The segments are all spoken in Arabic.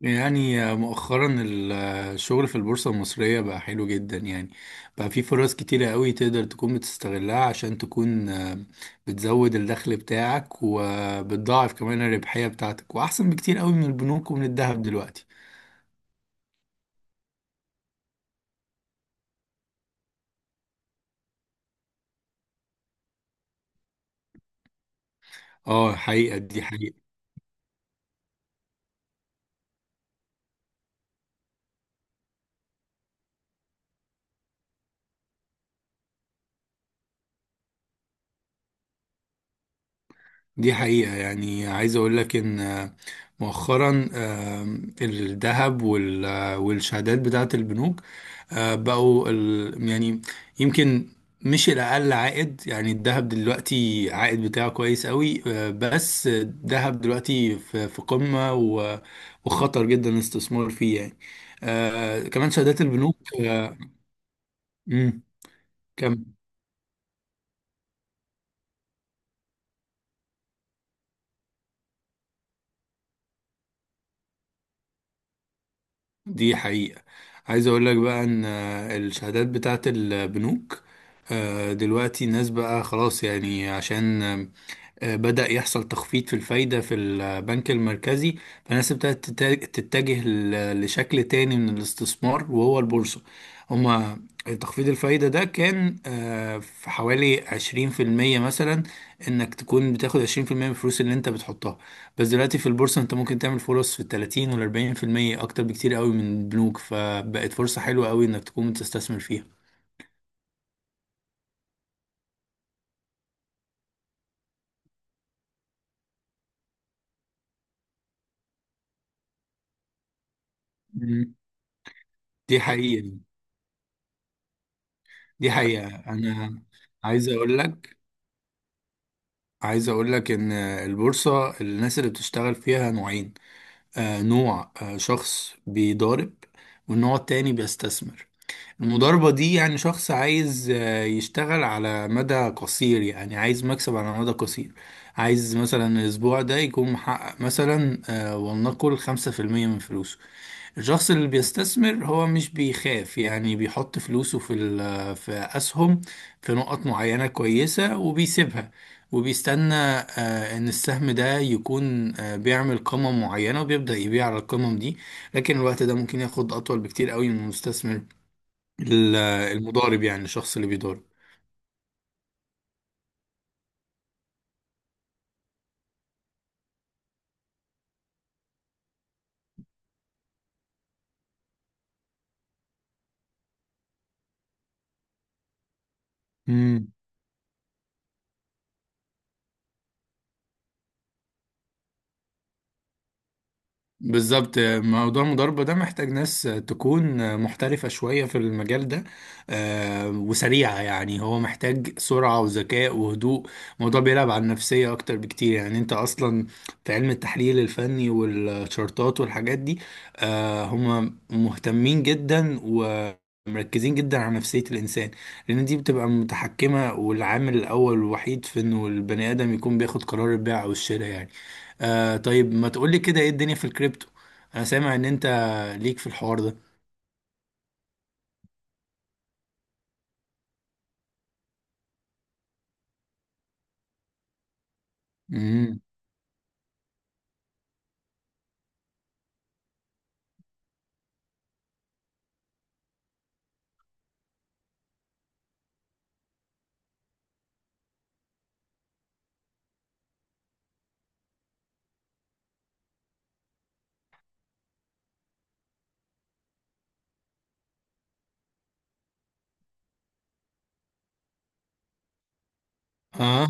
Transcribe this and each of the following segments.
يعني مؤخرا الشغل في البورصة المصرية بقى حلو جدا يعني. بقى في فرص كتيرة قوي تقدر تكون بتستغلها عشان تكون بتزود الدخل بتاعك وبتضاعف كمان الربحية بتاعتك وأحسن بكتير قوي من البنوك ومن الذهب دلوقتي. اه، حقيقة، دي حقيقة دي حقيقة. يعني عايز أقول لك إن مؤخرا الذهب والشهادات بتاعة البنوك بقوا يعني، يمكن مش الأقل عائد. يعني الذهب دلوقتي عائد بتاعه كويس قوي، بس الذهب دلوقتي في قمة وخطر جدا الاستثمار فيه يعني. كمان شهادات البنوك مم، كمل. دي حقيقة. عايز اقول لك بقى ان الشهادات بتاعت البنوك دلوقتي الناس بقى خلاص يعني عشان بدأ يحصل تخفيض في الفايدة في البنك المركزي. فالناس ابتدت تتجه لشكل تاني من الاستثمار وهو البورصة. هما تخفيض الفايدة ده كان في حوالي 20% مثلا، انك تكون بتاخد 20% من الفلوس اللي انت بتحطها. بس دلوقتي في البورصة انت ممكن تعمل فرص في 30% و40% أكتر بكتير قوي من البنوك، فبقت فرصة حلوة قوي انك تكون بتستثمر فيها. مم. دي حقيقة. دي حقيقة. أنا عايز أقول لك عايز اقول لك ان البورصة الناس اللي بتشتغل فيها نوعين. نوع شخص بيضارب، والنوع التاني بيستثمر. المضاربة دي يعني شخص عايز يشتغل على مدى قصير، يعني عايز مكسب على مدى قصير. عايز مثلا الاسبوع ده يكون محقق مثلا ولنقل 5% من فلوسه. الشخص اللي بيستثمر هو مش بيخاف، يعني بيحط فلوسه في أسهم في نقط معينة كويسة وبيسيبها. وبيستنى إن السهم ده يكون بيعمل قمة معينة وبيبدأ يبيع على القمم دي. لكن الوقت ده ممكن ياخد أطول بكتير قوي من المستثمر، ال- المضارب، يعني الشخص اللي بيضارب. مم. بالظبط، موضوع المضاربة ده محتاج ناس تكون محترفة شوية في المجال ده، وسريعة، يعني هو محتاج سرعة وذكاء وهدوء. الموضوع بيلعب على النفسية أكتر بكتير، يعني أنت أصلا في علم التحليل الفني والشارتات والحاجات دي هم مهتمين جدا و مركزين جدا على نفسية الإنسان. لأن دي بتبقى متحكمة والعامل الأول والوحيد في إنه البني آدم يكون بياخد قرار البيع أو الشراء يعني. طيب، ما تقولي كده ايه الدنيا في الكريبتو؟ انا سامع ان انت ليك في الحوار ده. امم. آه.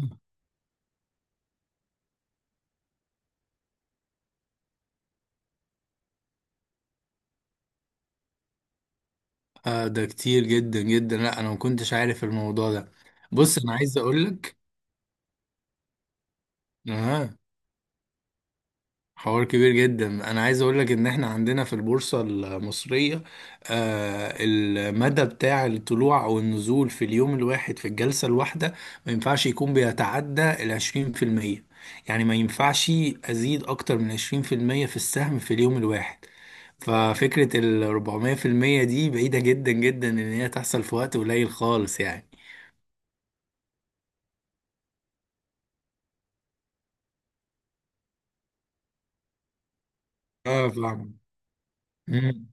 اه، ده كتير جدا جدا. لا، انا ما كنتش عارف الموضوع ده. بص، انا عايز اقول لك. اه. حوار كبير جدا. انا عايز اقول لك ان احنا عندنا في البورصة المصرية المدى بتاع الطلوع او النزول في اليوم الواحد في الجلسة الواحدة ما ينفعش يكون بيتعدى ال 20%. يعني ما ينفعش ازيد اكتر من 20% في المية في السهم في اليوم الواحد. ففكرة ال 400% دي بعيدة جدا جدا إن هي تحصل في وقت قليل خالص يعني. اه، فاهم. مم.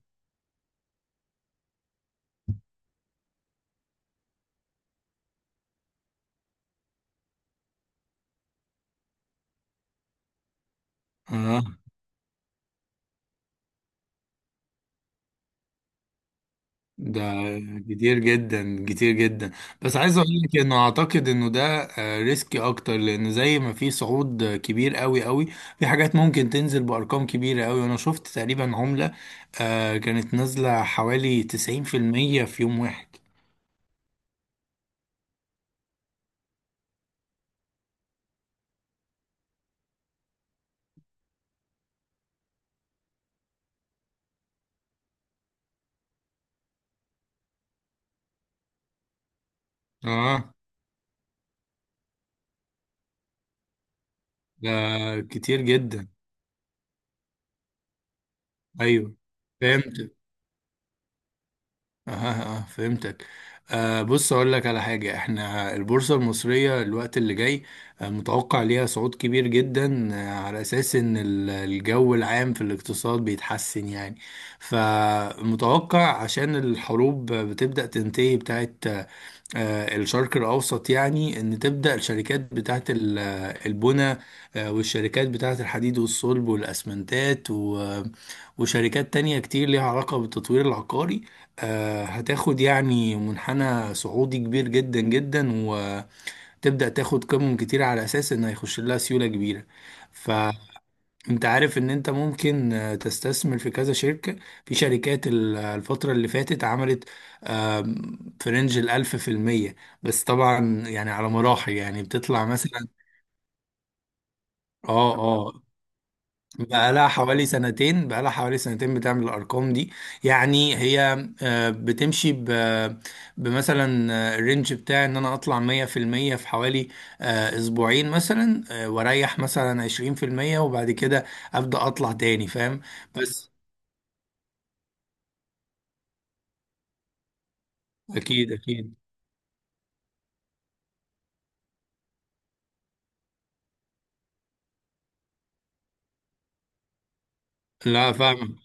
اه، ده كتير جدا كتير جدا. بس عايز اقول لك انه اعتقد انه ده ريسكي اكتر، لان زي ما في صعود كبير قوي قوي، في حاجات ممكن تنزل بارقام كبيره قوي. وانا شفت تقريبا عمله كانت نازله حوالي 90% في المية في يوم واحد. اه، ده كتير جدا. ايوه، فهمت. اه، اه، فهمتك. بص، اقول لك على حاجه: احنا البورصه المصريه الوقت اللي جاي متوقع ليها صعود كبير جدا، على اساس ان الجو العام في الاقتصاد بيتحسن يعني. فمتوقع، عشان الحروب بتبدا تنتهي بتاعت الشرق الأوسط، يعني إن تبدأ الشركات بتاعت البنى، والشركات بتاعت الحديد والصلب والأسمنتات وشركات تانية كتير ليها علاقة بالتطوير العقاري. هتاخد يعني منحنى صعودي كبير جدا جدا، وتبدأ تاخد قيمم كتير على أساس إن هيخش لها سيولة كبيرة. فأنت عارف إن أنت ممكن تستثمر في كذا شركة. في شركات الفترة اللي فاتت عملت في رينج 1000%. بس طبعا يعني على مراحل، يعني بتطلع مثلا. اه، اه. بقى لها حوالي سنتين، بقى لها حوالي سنتين بتعمل الأرقام دي. يعني هي بتمشي بمثلا الرينج بتاعي إن أنا أطلع 100% في حوالي أسبوعين مثلا، وأريح مثلا 20%، وبعد كده أبدأ أطلع تاني فاهم. بس. أكيد أكيد. لا، فاهمك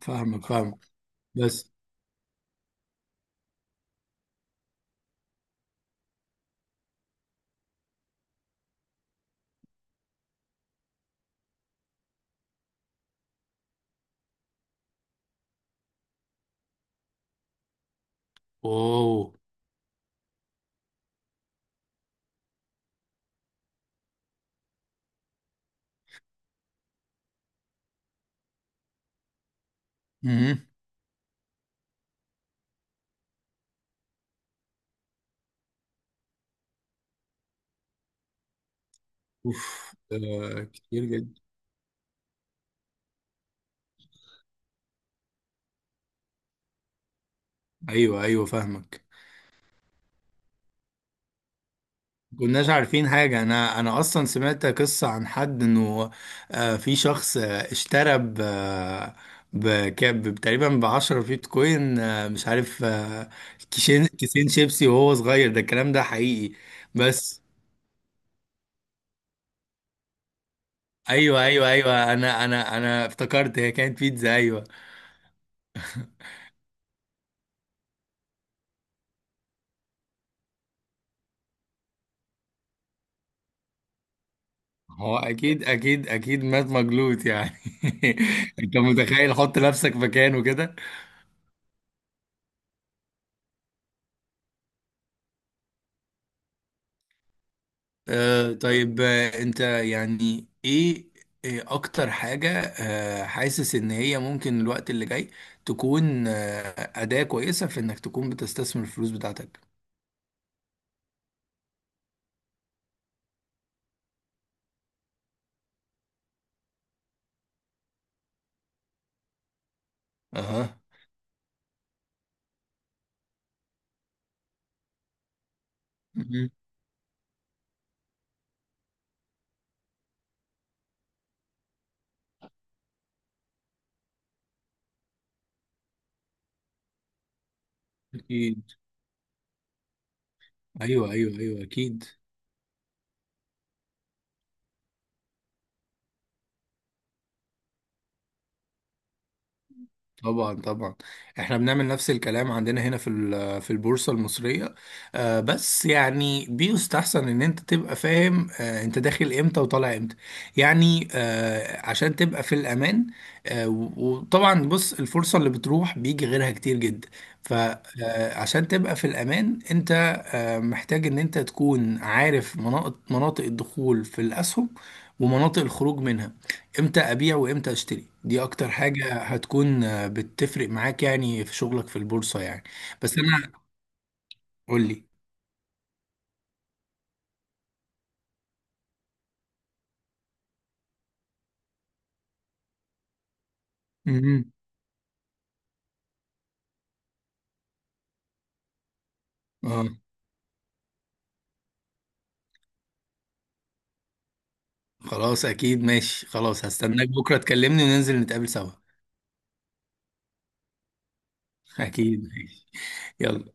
فاهمك فاهمك. بس. أوه. اوف، كتير جدا. ايوه، ايوه فاهمك. كناش عارفين حاجة. أنا أصلا سمعت قصة عن حد إنه في شخص اشترى ب آه، بكام تقريبا ب10 بيتكوين مش عارف كيسين شيبسي وهو صغير. ده الكلام ده حقيقي؟ بس أيوه أيوه أيوه. أنا افتكرت هي كانت بيتزا أيوه. هو أكيد أكيد أكيد مات مجلوط يعني. أنت متخيل؟ حط نفسك مكانه كده. طيب، انت يعني ايه إيه اكتر حاجة حاسس ان هي ممكن الوقت اللي جاي تكون أداة كويسة في انك تكون بتستثمر الفلوس بتاعتك؟ اها. مهم. اكيد. ايوه، ايوه، ايوه، اكيد. طبعا، طبعا. احنا بنعمل نفس الكلام عندنا هنا في البورصة المصرية، بس يعني بيستحسن ان انت تبقى فاهم انت داخل امتى وطالع امتى، يعني عشان تبقى في الامان، وطبعا بص، الفرصة اللي بتروح بيجي غيرها كتير جدا. فعشان تبقى في الامان انت محتاج ان انت تكون عارف مناطق الدخول في الاسهم ومناطق الخروج منها. امتى ابيع وامتى اشتري دي اكتر حاجة هتكون بتفرق معاك يعني في شغلك في البورصة يعني. بس انا. قول لي. مهم. اه، خلاص اكيد ماشي. خلاص، هستناك بكرة تكلمني وننزل نتقابل سوا. اكيد ماشي. يلا.